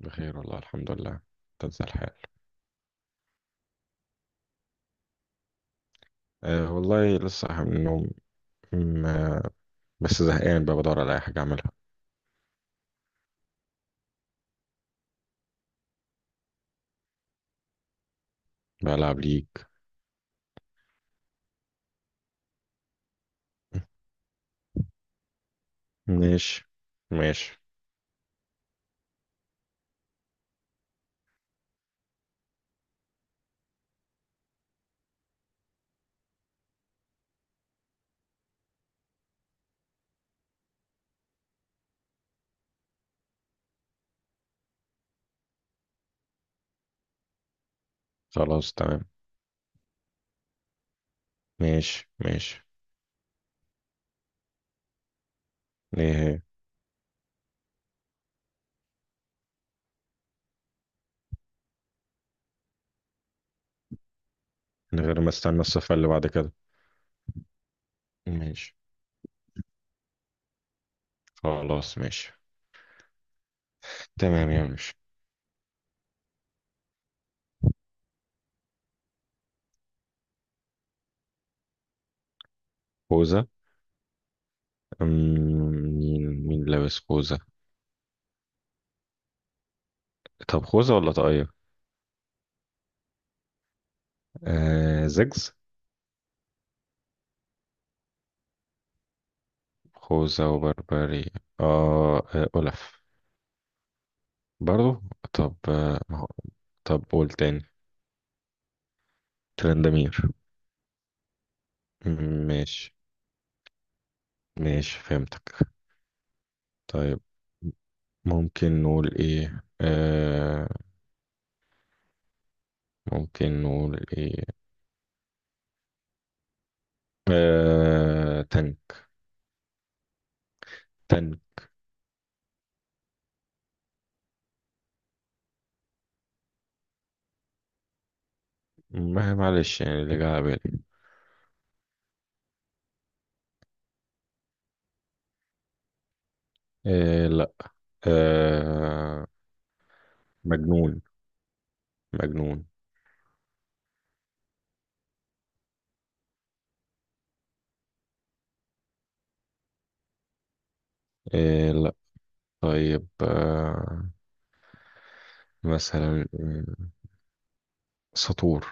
بخير والله، الحمد لله. تنزل الحال. أه والله لسه صاحي من النوم. م- آه، بس زهقان بقى، بدور على أي حاجة أعملها. بلعب ليج. ماشي. ماشي. خلاص تمام. ماشي، ماشي. إيه؟ من غير ما استنى الصفة اللي بعد كده. ماشي. خلاص ماشي. تمام يا ماشي. خوذة. أم، مين لابس خوذة؟ طب خوذة ولا طاقية؟ آه، زجز. خوذة وبربري. أولف. برضو. طب، ما هو. طب قول تاني. ترندمير. ماشي، ماشي فهمتك. طيب. ممكن نقول ايه آه ممكن نقول ايه. تانك. تانك. معلش، يعني اللي جه على بالي. آه لا. آه. مجنون. مجنون. آه لا. طيب. مثلا، سطور.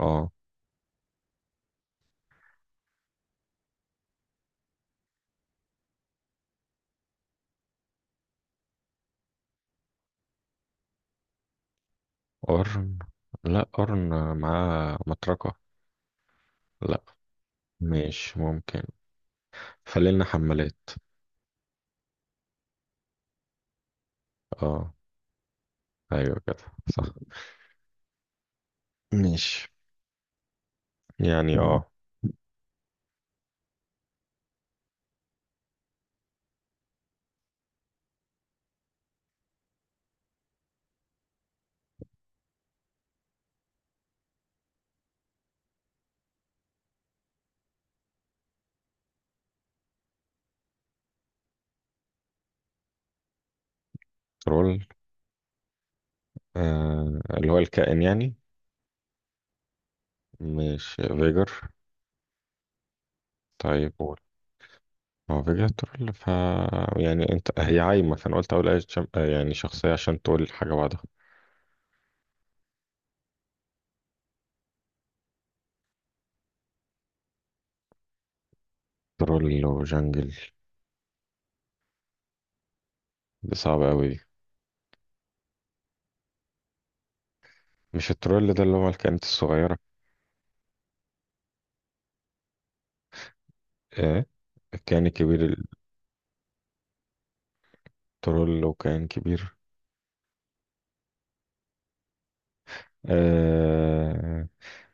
اه. قرن. لا، قرن معاه مطرقة. لا. ماشي، ممكن. خلينا حمالات. اه، ايوه كده. صح. ماشي. يعني ترول. آه، اللي هو الكائن يعني. مش فيجر؟ طيب قول. هو فيجر ترول، ف يعني انت هي عايمة، فانا قلت اقول اي شم... آه، يعني شخصية عشان تقول حاجة بعدها. ترول وجنجل؟ دي صعبة قوي دي. مش الترول ده اللي هو الكائنات الصغيرة؟ ايه؟ الكائن الكبير؟ الترول وكائن كبير. آه.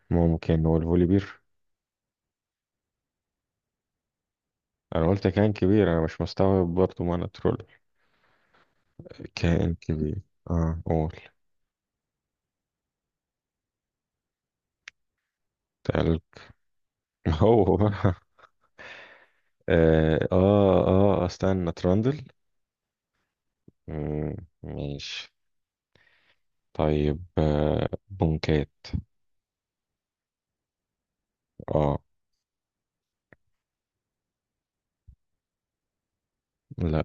ممكن هو الفوليبير. انا قلت كائن كبير، انا مش مستوعب برضه معنى ترول. كائن كبير. اه قول. تقل. هو بقى. اه، اه. استنى، ترندل. مم، ماشي. طيب. بونكات. اه. لا.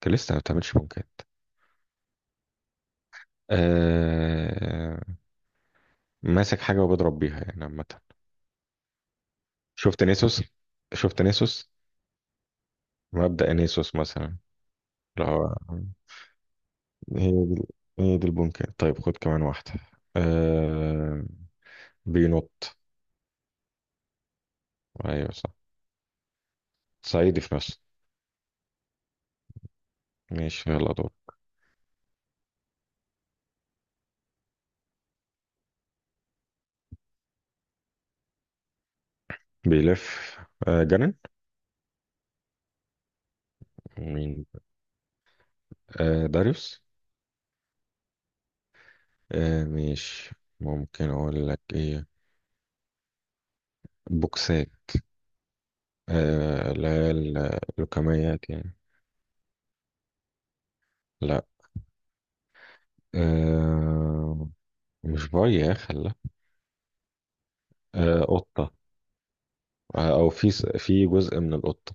كان لسه ما بتعملش بونكات. آه ماسك حاجة وبضرب بيها يعني عامة. شفت نيسوس؟ شفت نيسوس؟ مبدأ نيسوس مثلا، اللي هو... هي دي. هي دي البونكات. طيب خد كمان واحدة. آه بينط. ايوه صح. صعيدي في نفسه. ماشي، يلا دور. بيلف. جنن. مين؟ داريوس. مش، ممكن اقول لك ايه. بوكسات. آه لا، اللوكميات يعني. لا. آه مش بياخ، لا. قطة. آه، او في جزء من القطة.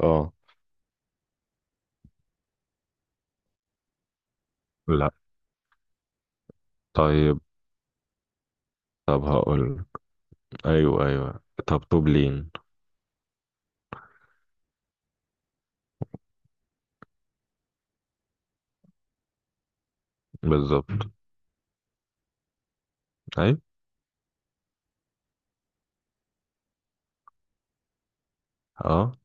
اه. لا. طيب. طب هقول. ايوه، ايوه، طب طوبلين. بالظبط. ايوه. اه.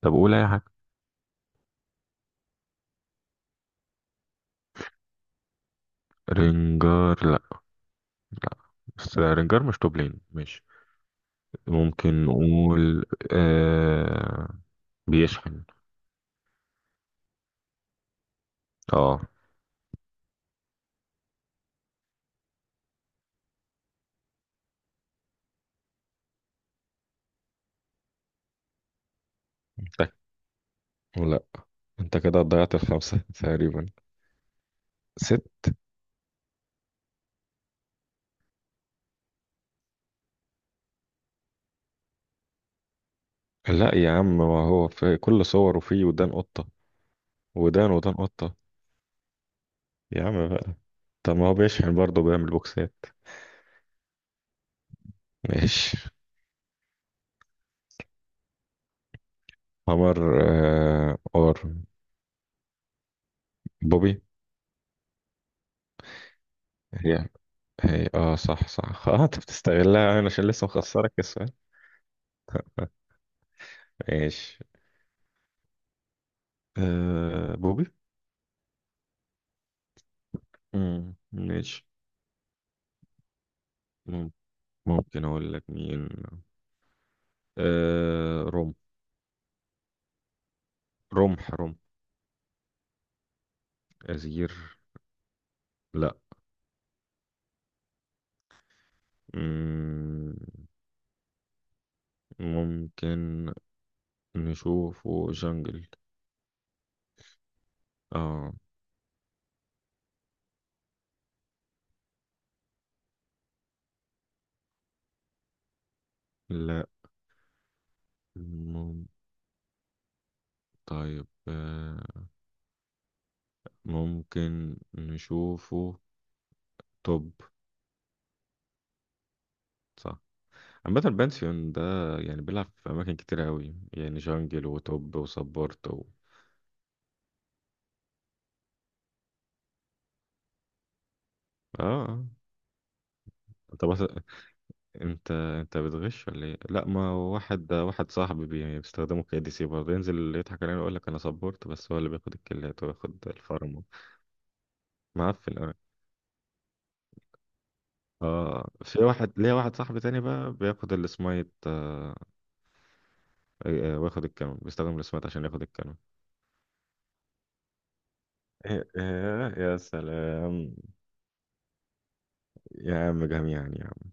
طب قول اي حاجة. رنجر، لا. لا. بس رنجر مش طوبلين، ماشي. ممكن نقول آه بيشحن. اه. انت. لا. انت كده ضيعت الخمسة تقريبا. ست. لا يا عم، ما هو في كل صوره فيه ودان قطة. ودان، ودان قطة. يا عم بقى. طب ما هو بيشحن برضه بيعمل بوكسات. ماشي. قمر. اور. بوبي. هي. هي اه، صح، صح اه، انت بتستغلها يعني عشان لسه مخسرك السؤال. ماشي. بوبي. مم، ماشي. مم، ممكن اقول لك مين. رمح. رمح، رمح. أزير. لا. مم، ممكن نشوفه جنجل. اه. لا. مم طيب، ممكن نشوفه توب. صح. عامة البانسيون ده، يعني بيلعب في أماكن كتير أوي، يعني جنجل وتوب وسبورت و... اه. آه. انت بس، انت بتغش ولا ايه؟ لا، ما هو واحد، واحد صاحبي بيستخدمه كدي سي برضه، ينزل يضحك علينا ويقول لك انا سبورت، بس هو اللي بياخد الكلات وياخد الفارم. معفن قوي. اه، في واحد ليا، واحد صاحبي تاني بقى بياخد السمايت. وياخد الكانون، بيستخدم السمايت عشان ياخد الكانون. إيه، يا سلام. يا عم جميعا، يا عم.